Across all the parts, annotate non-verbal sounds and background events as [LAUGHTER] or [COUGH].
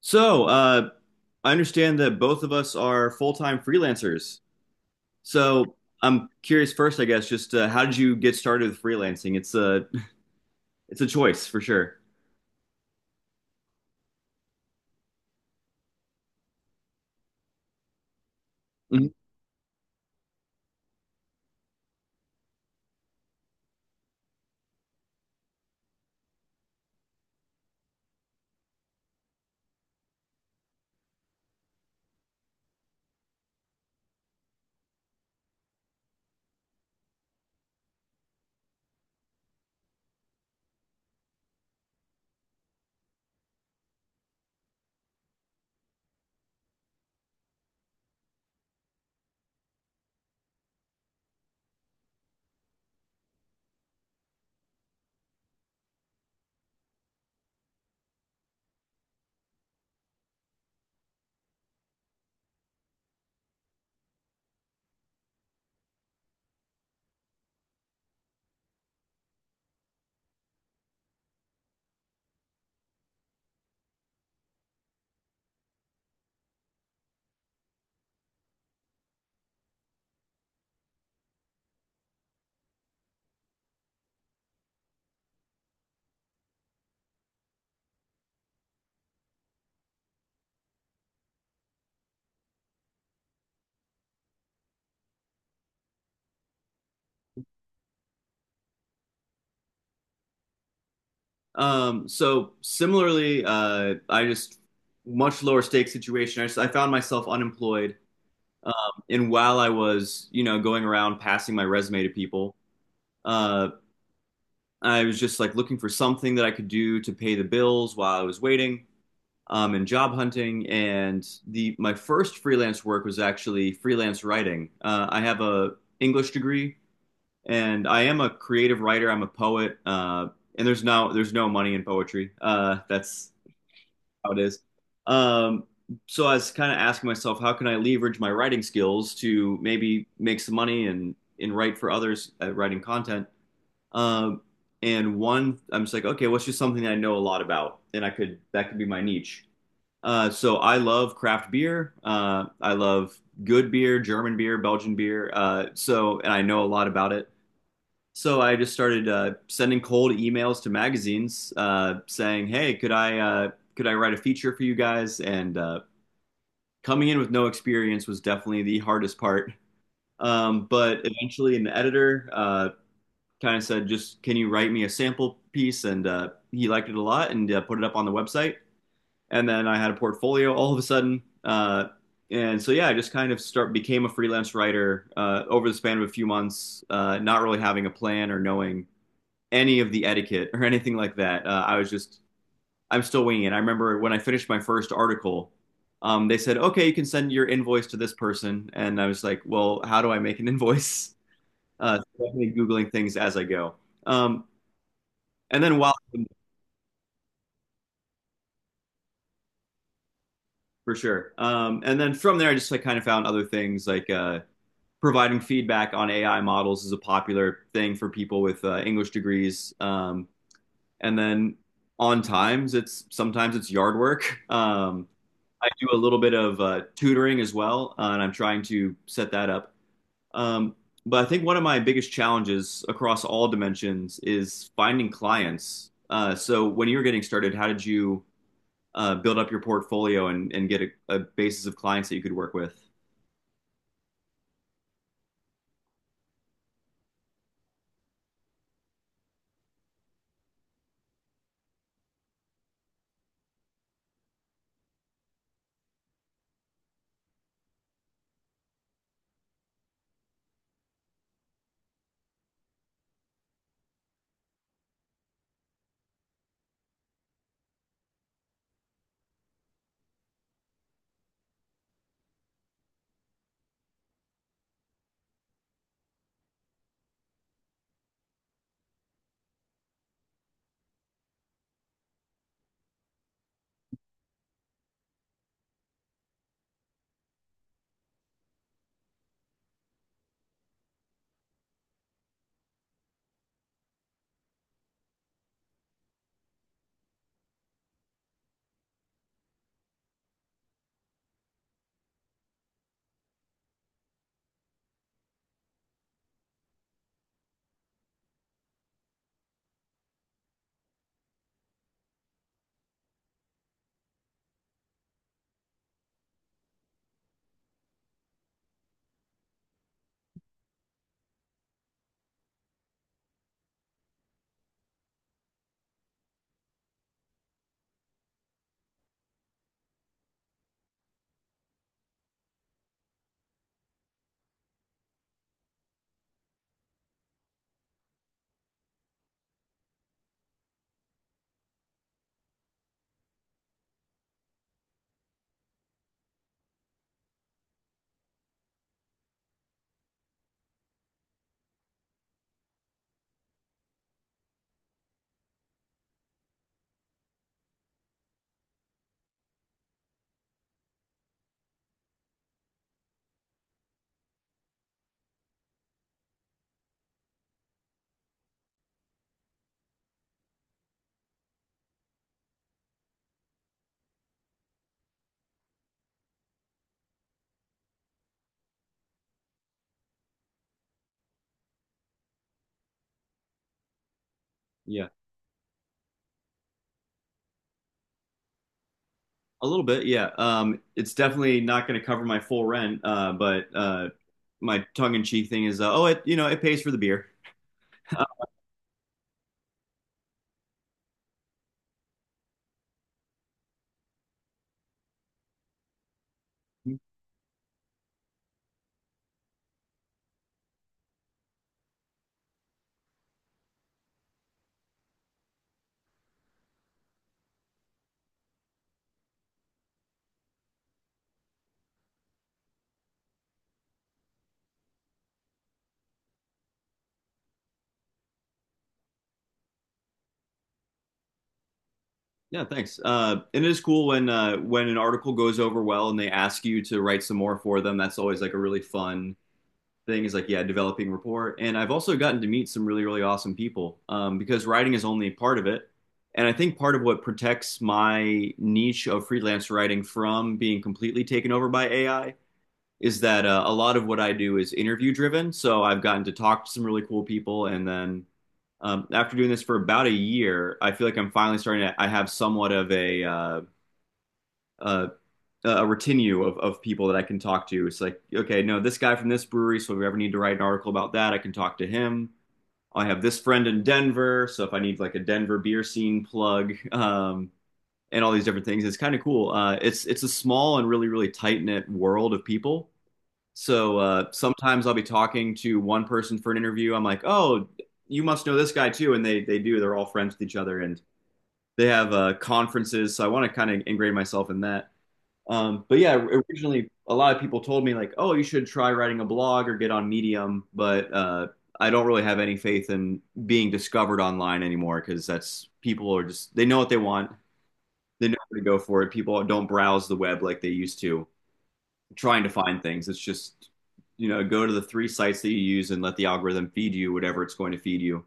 So, uh, I understand that both of us are full-time freelancers. So, I'm curious first, I guess, just how did you get started with freelancing? It's a [LAUGHS] it's a choice for sure. Mhm. So similarly, I just much lower stakes situation. I found myself unemployed, um, and while I was, you know, going around passing my resume to people, uh, I was just like looking for something that I could do to pay the bills while I was waiting, and job hunting. And the my first freelance work was actually freelance writing. I have a English degree, and I am a creative writer. I'm a poet, and there's no money in poetry. That's how it is. Um, so I was kind of asking myself, how can I leverage my writing skills to maybe make some money and write for others at writing content. Um, and one, I'm just like, okay, what's just something that I know a lot about, and I could that could be my niche. So I love craft beer. I love good beer, German beer, Belgian beer. So, and I know a lot about it. So I just started sending cold emails to magazines saying, "Hey, could I write a feature for you guys?" And Coming in with no experience was definitely the hardest part. But eventually, an editor kind of said, "Just can you write me a sample piece?" And He liked it a lot and put it up on the website, and then I had a portfolio all of a sudden. And so Yeah, I just kind of start became a freelance writer over the span of a few months, not really having a plan or knowing any of the etiquette or [LAUGHS] anything like that. I was just I'm still winging it. I remember when I finished my first article, they said, "Okay, you can send your invoice to this person," and I was like, "Well, how do I make an [LAUGHS] invoice?" So definitely googling things as I go. Um, and then while For sure, and then from there, I just like kind of found other things like providing feedback on AI models is a popular thing for people with English degrees. And then On times, it's sometimes it's yard work. [LAUGHS] I do a little bit of tutoring as well, and I'm trying to set that up. Um, but I think one of my biggest challenges across all dimensions is finding clients. So when you were getting started, how did you build up your portfolio and, get a basis of clients that you could work with? Yeah. A little bit, yeah. It's definitely not going to cover my full rent, but my tongue-in-cheek thing is, oh, it you know it pays for the beer. [LAUGHS] Um, yeah, thanks. And it is cool when an article goes over well and they ask you to write some more for them. That's always like a really fun thing. Is like yeah, developing rapport. And I've also gotten to meet some really awesome people, because writing is only part of it. And I think part of what protects my niche of freelance writing from being completely taken over by AI is that a lot of what I do is interview driven. So I've gotten to talk to some really cool people, and then after doing this for about a year, I feel like I'm finally starting to. I have somewhat of uh, a retinue of people that I can talk to. It's like, okay, no, this guy from this brewery. So if we ever need to write an article about that, I can talk to him. I have this friend in Denver. So if I need like a Denver beer scene plug, [LAUGHS] and all these different things, it's kind of cool. It's a small and really tight knit world of people, so sometimes I'll be talking to one person for an interview. I'm like, oh, you must know this guy too, and they do. They're all friends with each other, and they have conferences. So I want to kind of ingrain myself in that. But yeah, originally a lot of people told me like, oh, you should try writing a blog or get on Medium, but I don't really have any faith in being discovered online anymore because that's people are just they know what they want, they know where to go for it. People don't browse the web like they used to trying to find things. It's just, you know, go to the three sites that you use and let the algorithm feed you whatever it's going to feed you.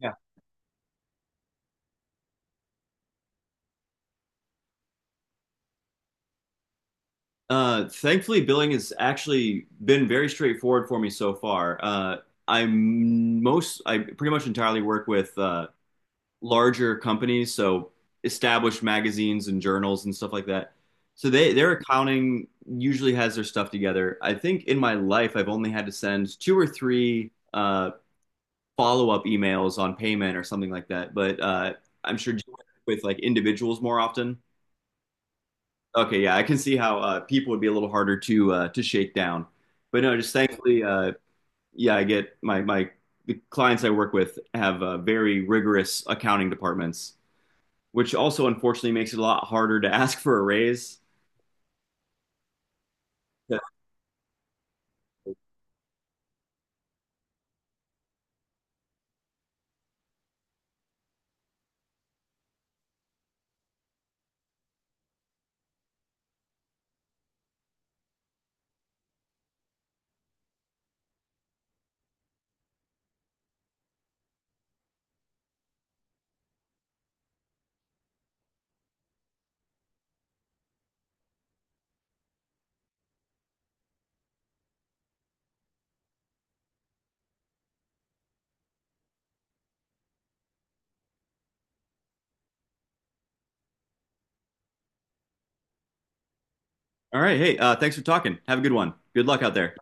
Yeah. Thankfully, billing has actually been very straightforward for me so far. I pretty much entirely work with larger companies, so established magazines and journals and stuff like that. So they their accounting usually has their stuff together. I think in my life I've only had to send two or three follow up emails on payment or something like that. But I'm sure with like individuals more often. Okay, yeah, I can see how people would be a little harder to shake down. But no, just thankfully, yeah, I get my my the clients I work with have very rigorous accounting departments, which also unfortunately makes it a lot harder to ask for a raise. Yeah. All right, hey, thanks for talking. Have a good one. Good luck out there.